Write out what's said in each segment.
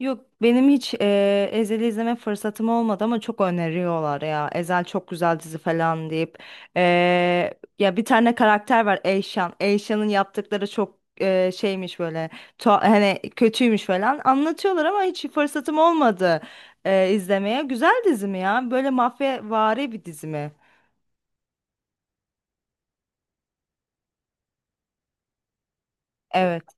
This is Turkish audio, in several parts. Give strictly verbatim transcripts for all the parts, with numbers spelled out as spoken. Yok, benim hiç eee Ezel'i izleme fırsatım olmadı ama çok öneriyorlar ya. Ezel çok güzel dizi falan deyip. Eee, ya bir tane karakter var, Eyşan. Eyşan'ın yaptıkları çok eee, şeymiş, böyle tuha- hani kötüymüş falan anlatıyorlar ama hiç fırsatım olmadı eee, izlemeye. Güzel dizi mi ya? Böyle mafyavari bir dizi mi? Evet.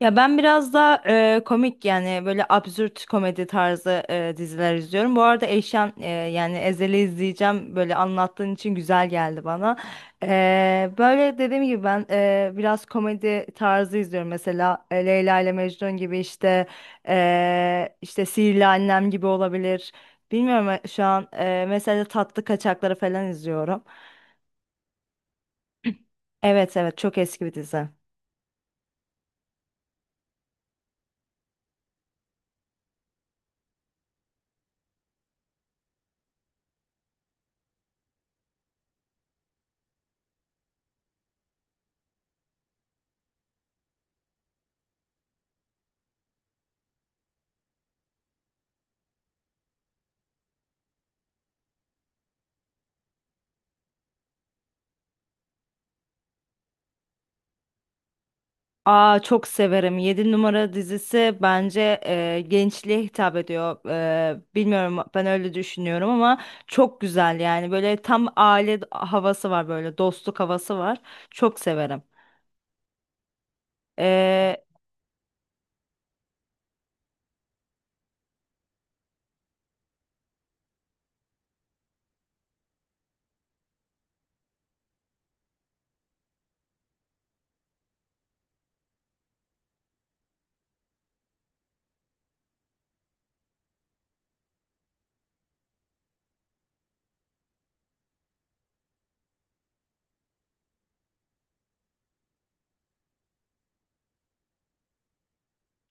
Ya ben biraz daha e, komik, yani böyle absürt komedi tarzı e, diziler izliyorum. Bu arada Eyşan e, yani Ezel'i izleyeceğim. Böyle anlattığın için güzel geldi bana. E, böyle dediğim gibi ben e, biraz komedi tarzı izliyorum. Mesela e, Leyla ile Mecnun gibi, işte e, işte Sihirli Annem gibi olabilir. Bilmiyorum, e, şu an e, mesela Tatlı Kaçakları falan izliyorum. Evet, evet, çok eski bir dizi. Aa, çok severim. Yedi Numara dizisi bence e, gençliğe hitap ediyor. E, bilmiyorum ben öyle düşünüyorum ama çok güzel, yani böyle tam aile havası var, böyle dostluk havası var. Çok severim.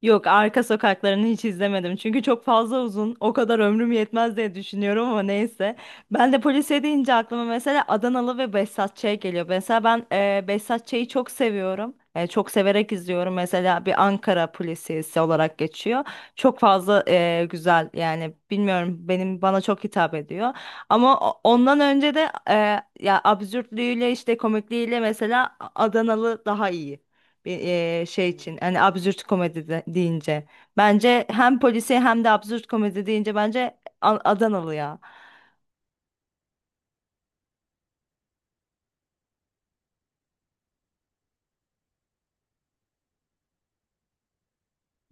Yok, Arka Sokakları'nı hiç izlemedim. Çünkü çok fazla uzun. O kadar ömrüm yetmez diye düşünüyorum ama neyse. Ben de polisiye deyince aklıma mesela Adanalı ve Behzat Ç. geliyor. Mesela ben e, Behzat Ç'yi çok seviyorum. E, çok severek izliyorum. Mesela bir Ankara polisiyesi olarak geçiyor. Çok fazla e, güzel, yani bilmiyorum, benim bana çok hitap ediyor. Ama o- ondan önce de e, ya absürtlüğüyle, işte komikliğiyle mesela Adanalı daha iyi bir eee, şey için, hani absürt komedi de- deyince, bence hem polisi hem de absürt komedi deyince bence A- Adanalı ya.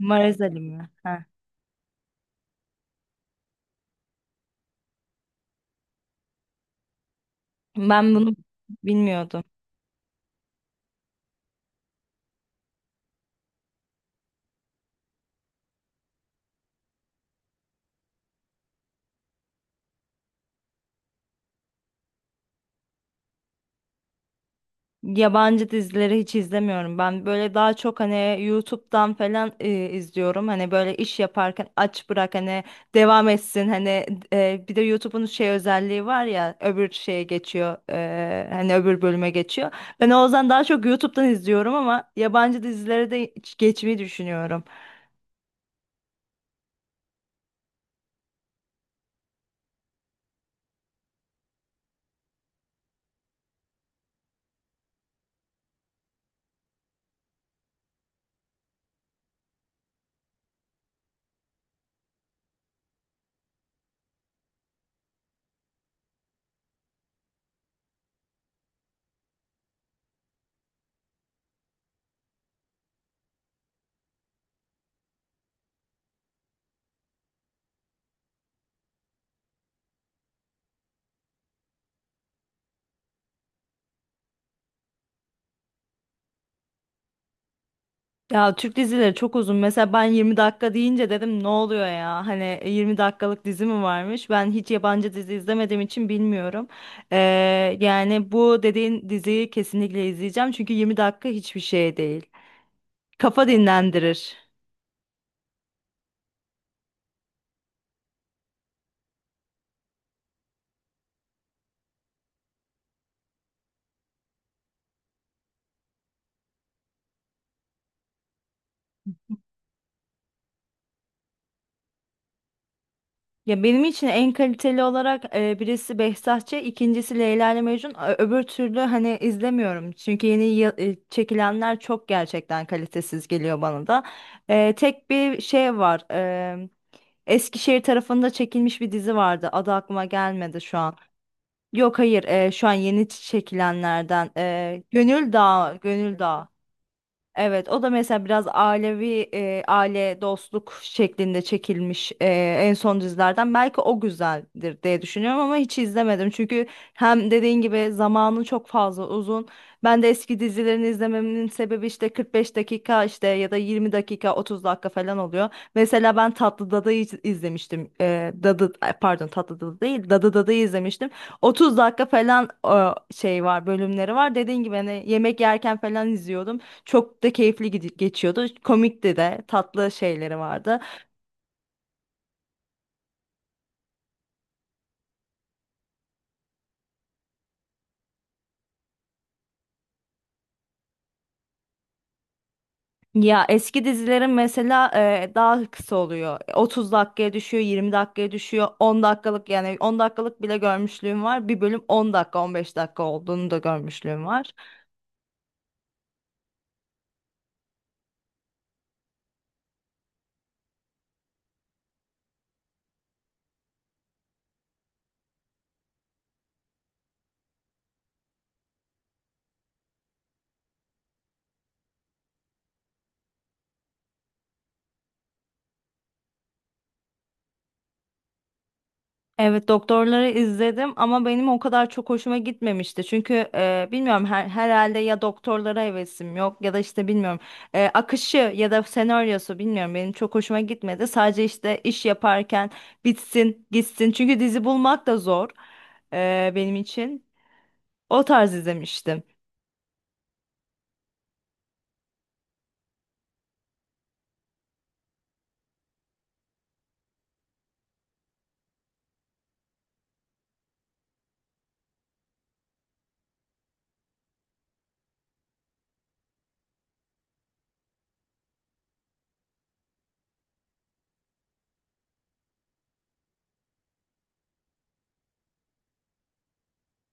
Maraz Ali mi? Heh. Ben bunu bilmiyordum. Yabancı dizileri hiç izlemiyorum. Ben böyle daha çok hani YouTube'dan falan e, izliyorum. Hani böyle iş yaparken aç bırak, hani devam etsin. Hani e, bir de YouTube'un şey özelliği var ya, öbür şeye geçiyor. e, hani öbür bölüme geçiyor. Ben o yüzden daha çok YouTube'dan izliyorum ama yabancı dizileri de hiç geçmeyi düşünüyorum. Ya, Türk dizileri çok uzun. Mesela ben yirmi dakika deyince dedim, ne oluyor ya? Hani yirmi dakikalık dizi mi varmış? Ben hiç yabancı dizi izlemediğim için bilmiyorum. Ee, yani bu dediğin diziyi kesinlikle izleyeceğim. Çünkü yirmi dakika hiçbir şey değil. Kafa dinlendirir. Ya, benim için en kaliteli olarak e, birisi Behzatçı, ikincisi Leyla ile Mecnun. Ö- Öbür türlü hani izlemiyorum. Çünkü yeni ya- e, çekilenler çok gerçekten kalitesiz geliyor bana da. E, tek bir şey var. Eskişehir tarafında çekilmiş bir dizi vardı. Adı aklıma gelmedi şu an. Yok, hayır, e, şu an yeni çekilenlerden. e, Gönül Dağı, Gönül Dağı. Evet, o da mesela biraz ailevi, e, aile dostluk şeklinde çekilmiş e, en son dizilerden. Belki o güzeldir diye düşünüyorum ama hiç izlemedim. Çünkü hem dediğin gibi zamanı çok fazla uzun. Ben de eski dizilerini izlememin sebebi, işte kırk beş dakika, işte ya da yirmi dakika, otuz dakika falan oluyor. Mesela ben Tatlı Dada'yı iz- izlemiştim. E, Dadı ay, pardon, Tatlı Dada değil, Dadı Dada'yı izlemiştim. otuz dakika falan e, şey var, bölümleri var. Dediğin gibi hani yemek yerken falan izliyordum. Çok da keyifli gidi- geçiyordu. Komikti de, tatlı şeyleri vardı. Ya, eski dizilerin mesela e, daha kısa oluyor. Otuz dakikaya düşüyor, yirmi dakikaya düşüyor. On dakikalık, yani on dakikalık bile görmüşlüğüm var. Bir bölüm on dakika, on beş dakika olduğunu da görmüşlüğüm var. Evet, doktorları izledim ama benim o kadar çok hoşuma gitmemişti. Çünkü e, bilmiyorum, her, herhalde ya doktorlara hevesim yok ya da işte bilmiyorum, e, akışı ya da senaryosu, bilmiyorum, benim çok hoşuma gitmedi. Sadece işte iş yaparken bitsin gitsin, çünkü dizi bulmak da zor e, benim için. O tarz izlemiştim.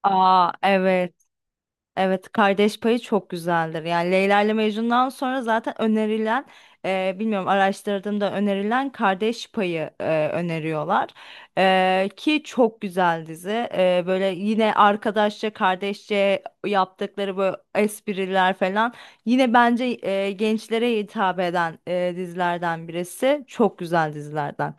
Aa, evet. Evet, Kardeş Payı çok güzeldir. Yani Leyla ile Mecnun'dan sonra zaten önerilen, e, bilmiyorum, araştırdığımda önerilen Kardeş Payı, e, öneriyorlar. E, ki çok güzel dizi. E, böyle yine arkadaşça, kardeşçe yaptıkları böyle espriler falan. Yine bence e, gençlere hitap eden e, dizilerden birisi. Çok güzel dizilerden.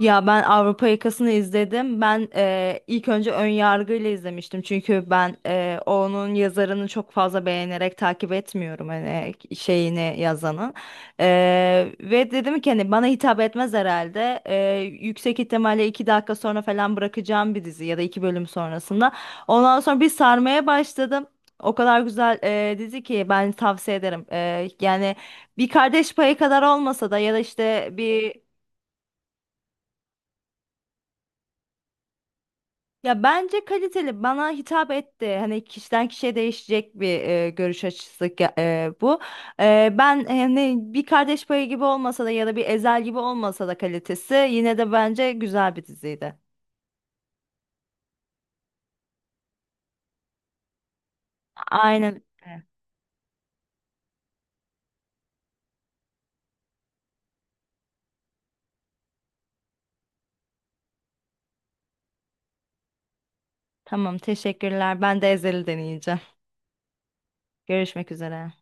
Ya, ben Avrupa Yakası'nı izledim. Ben eee, ilk önce ön yargıyla izlemiştim. Çünkü ben eee, onun yazarını çok fazla beğenerek takip etmiyorum, hani şeyini yazanın. Eee, ve dedim ki hani bana hitap etmez herhalde. Eee, yüksek ihtimalle iki dakika sonra falan bırakacağım bir dizi ya da iki bölüm sonrasında. Ondan sonra bir sarmaya başladım. O kadar güzel eee, dizi ki ben tavsiye ederim. Eee, yani bir Kardeş Payı kadar olmasa da ya da işte bir. Ya, bence kaliteli, bana hitap etti. Hani kişiden kişiye değişecek bir e, görüş açısı ge- e, bu. E, ben hani bir Kardeş Payı gibi olmasa da ya da bir Ezel gibi olmasa da, kalitesi yine de bence güzel bir diziydi. Aynen. Tamam, teşekkürler. Ben de Ezel'i deneyeceğim. Görüşmek üzere.